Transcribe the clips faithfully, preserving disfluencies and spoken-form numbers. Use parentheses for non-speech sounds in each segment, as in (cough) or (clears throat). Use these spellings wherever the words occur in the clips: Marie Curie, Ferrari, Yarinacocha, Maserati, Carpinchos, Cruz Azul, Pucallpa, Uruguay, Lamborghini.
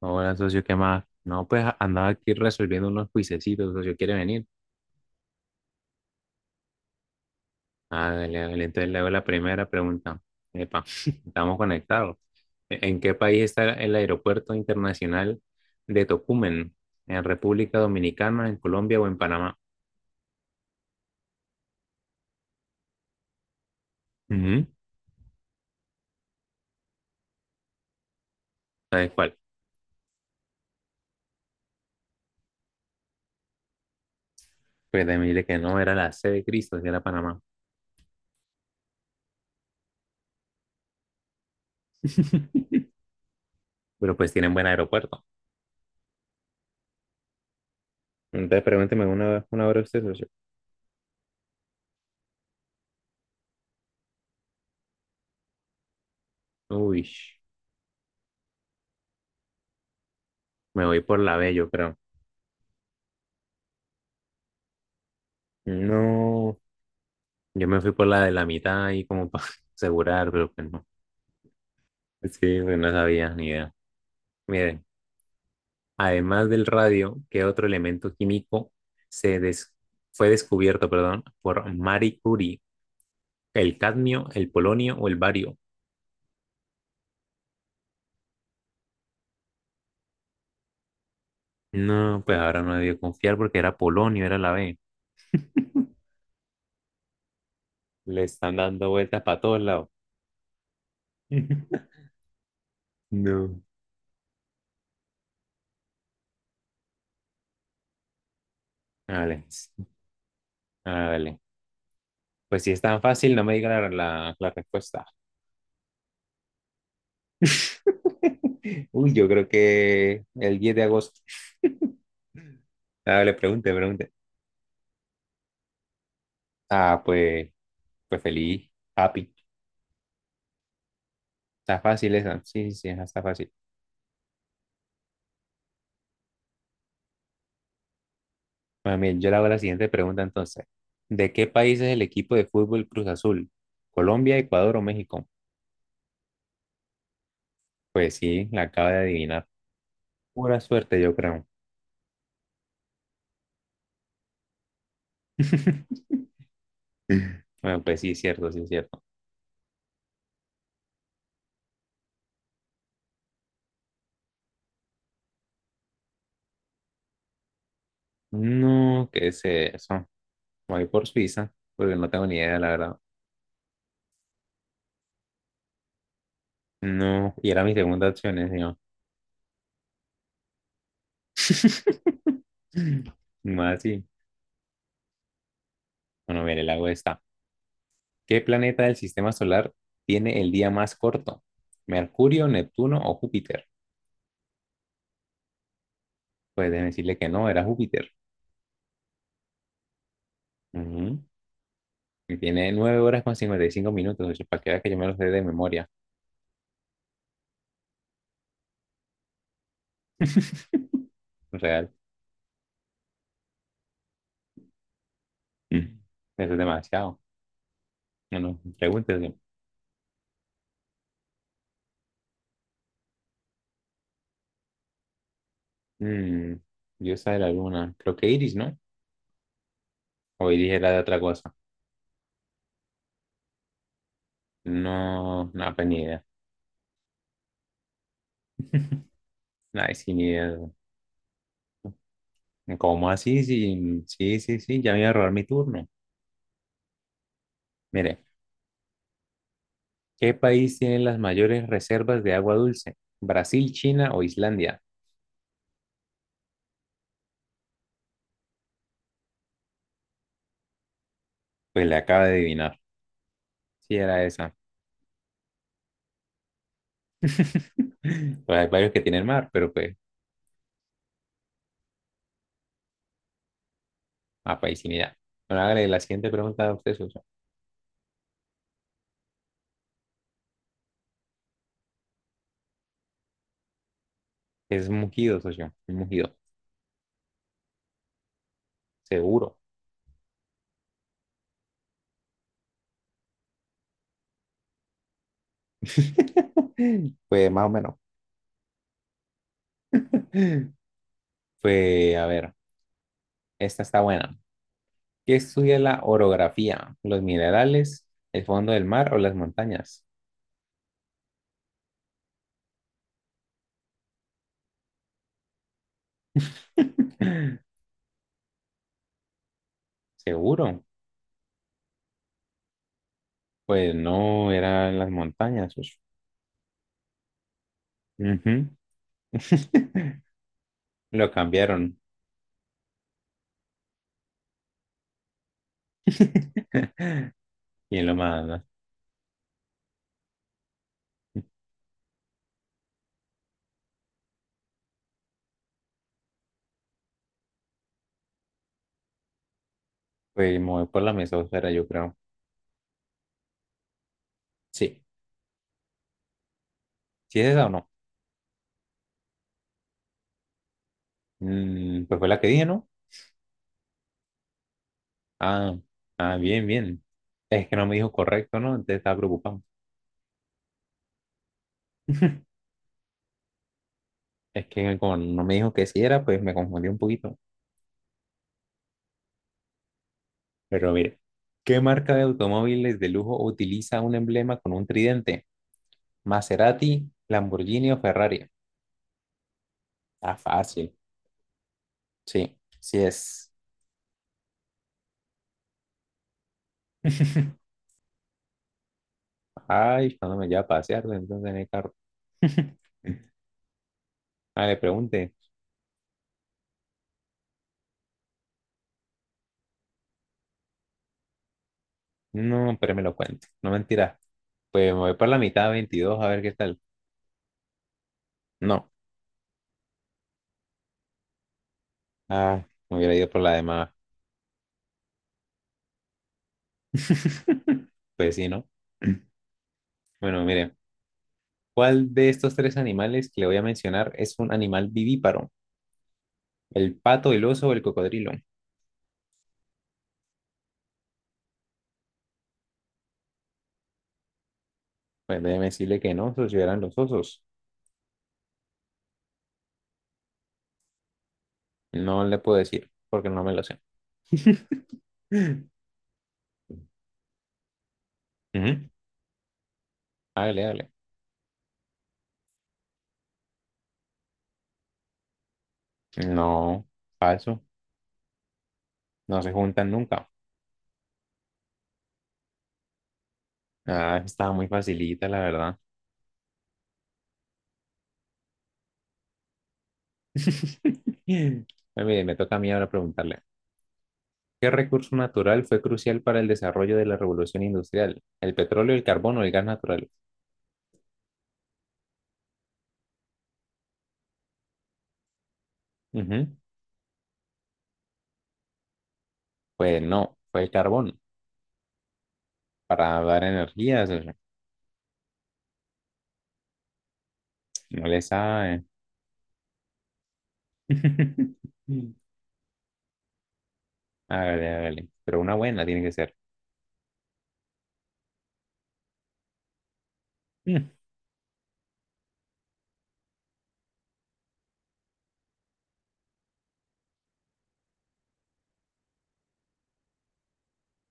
Hola, socio, ¿qué más? No, pues a- andaba aquí resolviendo unos juicecitos, socio, ¿quiere venir? Ah, dale, dale, entonces le hago la primera pregunta. Epa, (laughs) estamos conectados. ¿E- ¿En qué país está el aeropuerto internacional de Tocumen? ¿En República Dominicana, en Colombia o en Panamá? Ujú, ¿sabes cuál? Pues de mí de que no, era la C de Cristo, sí era Panamá. (laughs) Pero pues tienen buen aeropuerto. Entonces pregúnteme una, una hora usted, socio. Uy, me voy por la B, yo creo. No. Yo me fui por la de la mitad y como para (laughs) asegurar, pero pues no. Sí, pues no sabía ni idea. Miren, además del radio, ¿qué otro elemento químico se des- fue descubierto, perdón, por Marie Curie? ¿El cadmio, el polonio o el bario? No, pues ahora no debió confiar porque era polonio, era la B. (laughs) Le están dando vueltas para todos lados. (laughs) No. Vale, vale. Pues si es tan fácil, no me diga la, la la respuesta. (laughs) Uy, yo creo que el diez de agosto. (laughs) Ah, le pregunte, pregunte. Ah, pues, pues feliz, happy. Está fácil esa. Sí, sí, sí, esa está fácil. Bueno, bien, yo le hago la siguiente pregunta entonces. ¿De qué país es el equipo de fútbol Cruz Azul? ¿Colombia, Ecuador o México? Pues sí, la acaba de adivinar. Pura suerte, yo creo. (laughs) Bueno, pues sí, cierto, sí, cierto. No, ¿qué es eso? Voy por Suiza, porque no tengo ni idea, la verdad. No, y era mi segunda opción, ¿eh, señor? (laughs) Más así. Bueno, mire, le hago esta. ¿Qué planeta del sistema solar tiene el día más corto? ¿Mercurio, Neptuno o Júpiter? Pues déjeme decirle que no, era Júpiter. Ujú. Y tiene nueve horas con cincuenta y cinco minutos, oye, para que vea que yo me lo sé de memoria. (laughs) Real. Mm. Eso es demasiado. Bueno, pregúntese. Mm, diosa de la luna. Creo que Iris, ¿no? O Iris era de otra cosa. No, no, pues ni idea. Ay, sí, ni idea. ¿Cómo así? Sí, sí, sí, sí, ya me iba a robar mi turno. Mire, ¿qué país tiene las mayores reservas de agua dulce? ¿Brasil, China o Islandia? Pues le acaba de adivinar. Sí, era esa. (laughs) Pues hay varios que tienen mar, pero pues a país sin idea. Bueno, hágale la siguiente pregunta a usted, socio. Es un mugido, socio. Un mugido. Seguro. (laughs) Pues más o menos. Pues a ver, esta está buena. ¿Qué estudia la orografía? ¿Los minerales, el fondo del mar o las montañas? (laughs) Seguro, pues no era en las montañas. Pues. Ujú. (laughs) Lo cambiaron. (laughs) Y lo más, pues me voy por la mesosfera, yo creo. Sí, sí es esa o no. Mm, pues fue la que dije, ¿no? Ah, ah, bien, bien. Es que no me dijo correcto, ¿no? Entonces estaba preocupado. Es que como no me dijo que sí era, pues me confundí un poquito. Pero mire, ¿qué marca de automóviles de lujo utiliza un emblema con un tridente? Maserati, Lamborghini o Ferrari. Ah, fácil. Sí, sí es. (laughs) Ay, cuando me lleva a pasear, entonces en el carro. (laughs) Ah, le pregunte. No, pero me lo cuente. No mentira. Pues me voy por la mitad, veintidós, a ver qué tal. No. Ah, me hubiera ido por la demás. (laughs) Pues sí, ¿no? (clears throat) Bueno, mire. ¿Cuál de estos tres animales que le voy a mencionar es un animal vivíparo? ¿El pato, el oso o el cocodrilo? Pues déjeme decirle que no, esos sí eran los osos. No le puedo decir porque no me lo sé. (laughs) Ujú. Hágale, hágale. No, falso. No se juntan nunca. Ah, estaba muy facilita, la verdad. (laughs) Bueno, mire, me toca a mí ahora preguntarle. ¿Qué recurso natural fue crucial para el desarrollo de la revolución industrial? ¿El petróleo, el carbón o el gas natural? Ujú. Pues no, fue el carbón para dar energías. O sea, no le sabe. (laughs) Hágale, hágale. Pero una buena tiene que ser.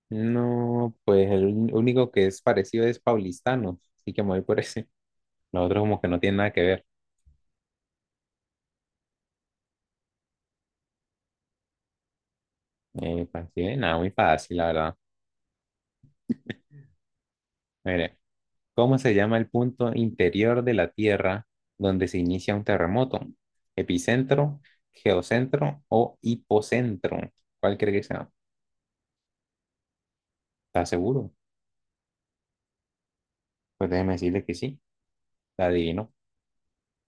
No, pues el ún- único que es parecido es paulistano, así que me voy por ese. (laughs) Los otros como que no tienen nada que ver. Eh, pues, sí, eh, nada, muy fácil, la verdad. Mire, ¿cómo se llama el punto interior de la Tierra donde se inicia un terremoto? ¿Epicentro, geocentro o hipocentro? ¿Cuál cree que sea? ¿Está seguro? Pues déjeme decirle que sí, la adivino.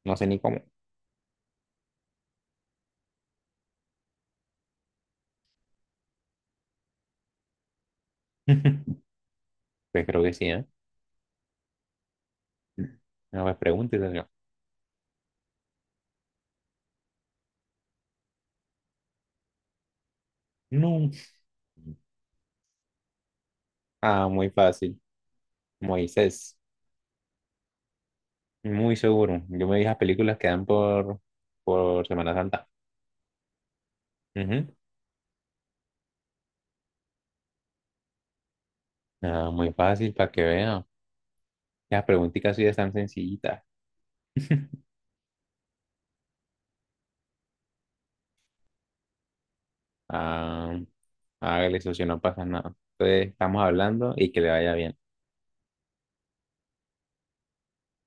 No sé ni cómo. (laughs) Pues creo que sí, ¿eh? No, pues pregúntese. No. Ah, muy fácil. Moisés. Muy seguro. Yo me vi las películas que dan por, por Semana Santa. Ujú. Ah, muy fácil para que vean. Las preguntitas sí están sencillitas. (laughs) Ah, hágale, socio, no pasa nada. Entonces, estamos hablando y que le vaya bien.